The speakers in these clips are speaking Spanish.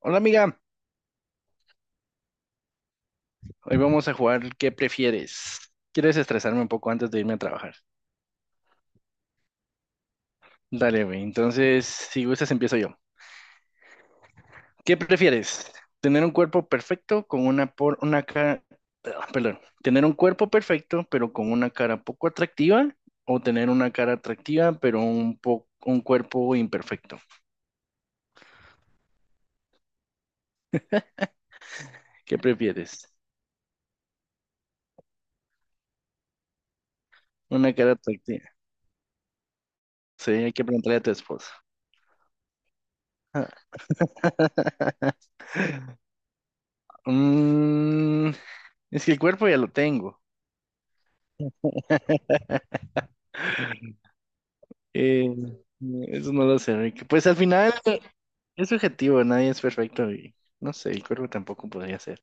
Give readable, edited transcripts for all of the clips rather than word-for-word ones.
Hola, amiga, hoy vamos a jugar ¿qué prefieres? Quiero desestresarme un poco antes de irme a trabajar. Dale, güey. Entonces, si gustas, empiezo yo. ¿Qué prefieres? ¿Tener un cuerpo perfecto con una por una cara, ah, perdón, tener un cuerpo perfecto pero con una cara poco atractiva o tener una cara atractiva pero un cuerpo imperfecto? ¿Qué prefieres? Una cara atractiva. Sí, hay que preguntarle a tu esposo. Mm, es que el cuerpo ya lo tengo. Eh, eso no lo sé, Rick. Pues al final es subjetivo, nadie es perfecto y no sé, el cuerpo tampoco podría ser.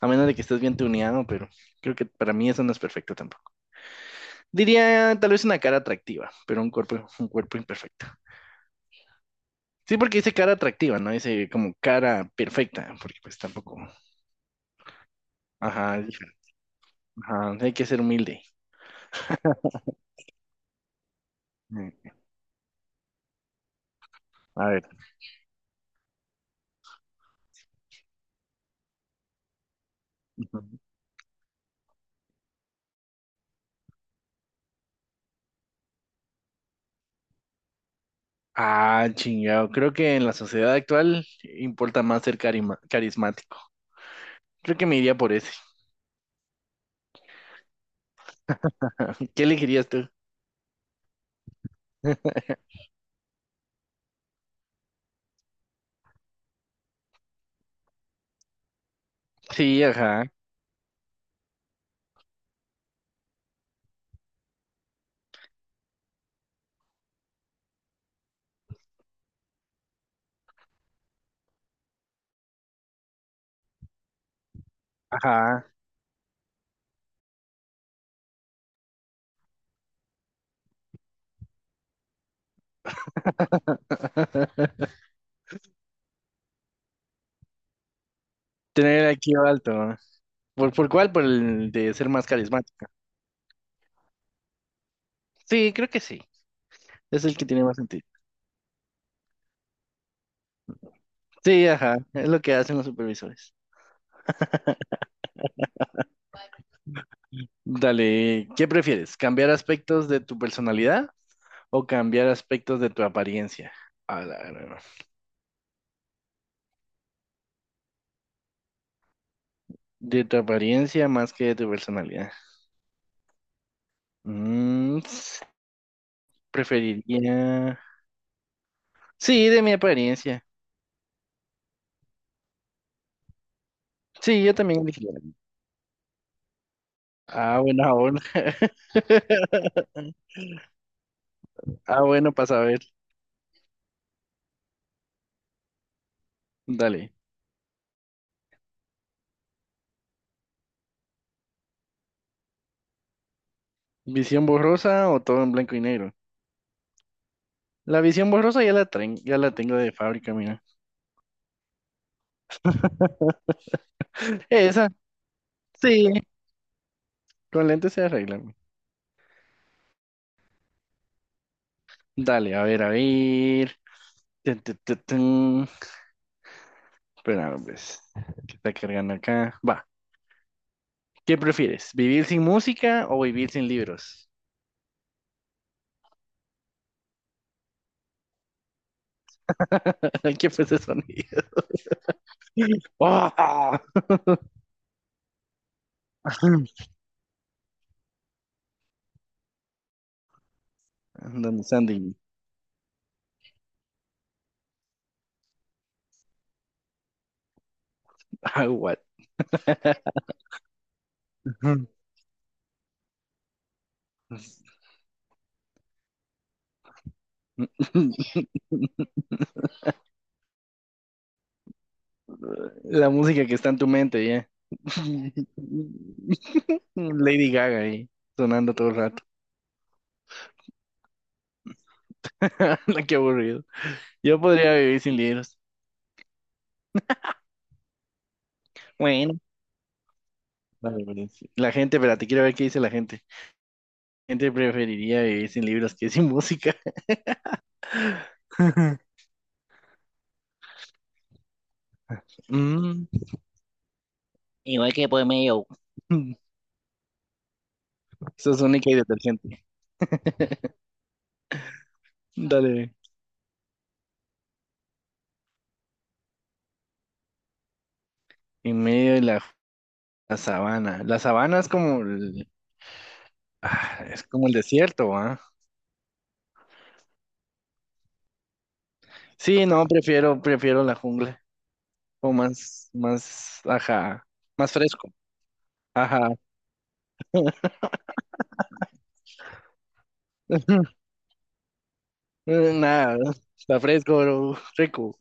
A menos de que estés bien tuneado, pero creo que para mí eso no es perfecto tampoco. Diría tal vez una cara atractiva, pero un cuerpo imperfecto. Sí, porque dice cara atractiva, no dice como cara perfecta, porque pues tampoco. Ajá, es diferente. Ajá, hay que ser humilde. Mm. A ver. Ujú. Ah, chingado. Creo que en la sociedad actual importa más ser carismático. Creo que me iría por ese. ¿Qué elegirías tú? Sí, ajá, ajá. Tener aquí alto. Por cuál? Por el de ser más carismática. Sí, creo que sí. Es el que tiene más sentido. Sí, ajá. Es lo que hacen los supervisores. Dale, ¿qué prefieres? ¿Cambiar aspectos de tu personalidad o cambiar aspectos de tu apariencia? A la gran. De tu apariencia más que de tu personalidad. Mm, preferiría. Sí, de mi apariencia. Sí, yo también elegiría. Ah, buena aún. Ah, bueno, para saber. Dale. ¿Visión borrosa o todo en blanco y negro? La visión borrosa ya la tengo de fábrica, mira. Esa, sí. Con lentes se arregla, güey. Dale, a ver, a ver. Tun, tun, tun, tun. Espera, pues. ¿Qué está cargando acá? Va. ¿Qué prefieres? ¿Vivir sin música o vivir sin libros? ¿Qué fue ese sonido? ¡Oh! Andan Sandy. Ah, what? La música que está en tu mente, ya. Lady Gaga ahí, sonando todo el rato. Qué aburrido. Yo podría vivir sin libros. Bueno, vale, vale, sí. La gente, espérate, quiero ver qué dice la gente. La gente preferiría vivir sin libros que sin música. Mm, igual que por medio. Mm, sos única y detergente. Dale. En medio de la, la sabana. La sabana es como el, ah, es como el desierto, ¿ah? Sí, no, prefiero la jungla. O más, más, ajá, más fresco. Ajá. Nada, está fresco, bro, rico.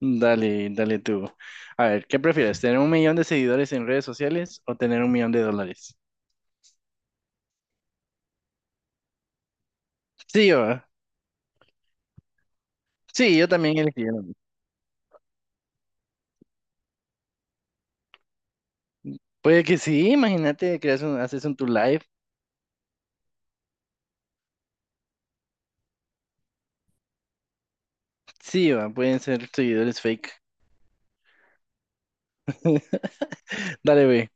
Dale, dale tú. A ver, ¿qué prefieres? ¿Tener un millón de seguidores en redes sociales o tener un millón de dólares? Sí, yo, ah, sí, yo también elegiría lo mismo. Puede que sí, imagínate, creas un, haces un tu live. Sí, va, pueden ser seguidores fake. Dale, ve.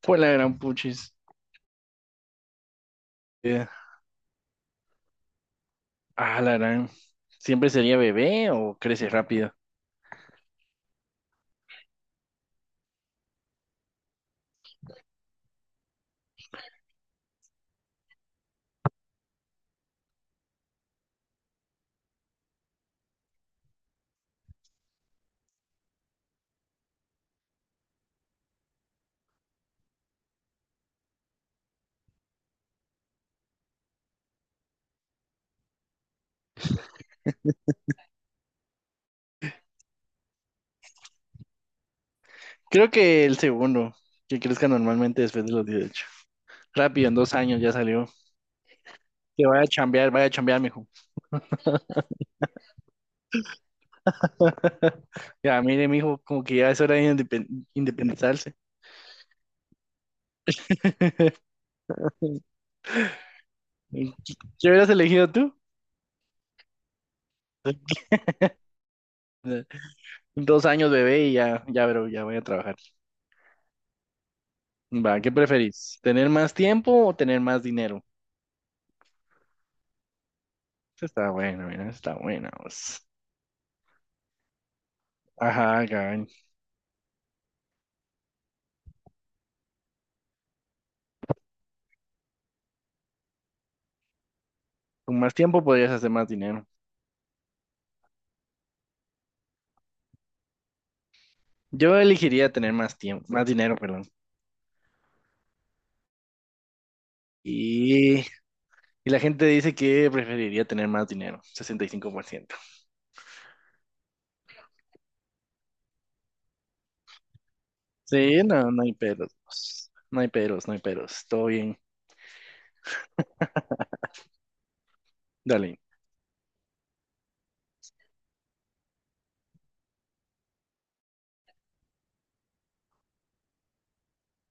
Pues la gran puchis. Eh, Ah, la gran. ¿Siempre sería bebé o crece rápido? Creo que el segundo, que crezca normalmente después de los 18. Rápido, en 2 años ya salió. Que vaya a chambear, mijo. Ya, mire, mijo, como que ya es hora de independizarse. ¿Qué hubieras elegido tú? Dos años, bebé, y ya, ya, bro, ya voy a trabajar. Va, ¿qué preferís? ¿Tener más tiempo o tener más dinero? Esa está bueno, mira, esa está buena, vos. Ajá, cabrón. Con más tiempo podrías hacer más dinero. Yo elegiría tener más tiempo, más dinero, perdón. Y la gente dice que preferiría tener más dinero, 65%. Sí, no, no hay peros, pues. No hay peros, no hay peros. Todo bien. Dale.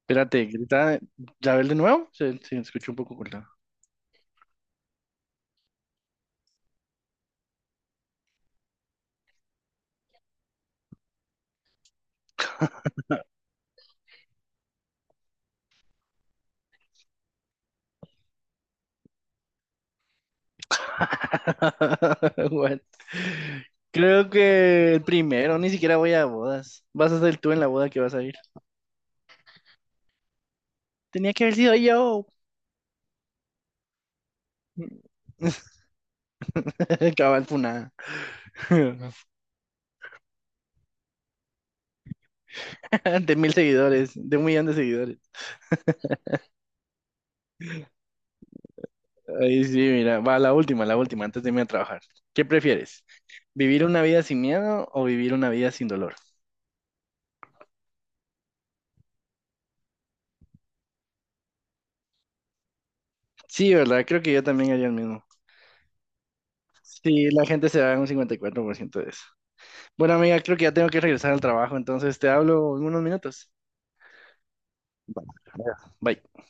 Espérate, grita. ¿La ves de nuevo? Se escuchó un poco cortado. What? Creo que el primero, ni siquiera voy a bodas. Vas a ser tú en la boda que vas a ir. Tenía que haber sido yo. Cabal funada. De 1000 seguidores, de un millón de seguidores. Ahí sí, mira, va la última, antes de irme a trabajar. ¿Qué prefieres? ¿Vivir una vida sin miedo o vivir una vida sin dolor? Sí, ¿verdad? Creo que yo también haría el mismo. Sí, la gente se da un 54% de eso. Bueno, amiga, creo que ya tengo que regresar al trabajo, entonces te hablo en unos minutos. Ya. Bye.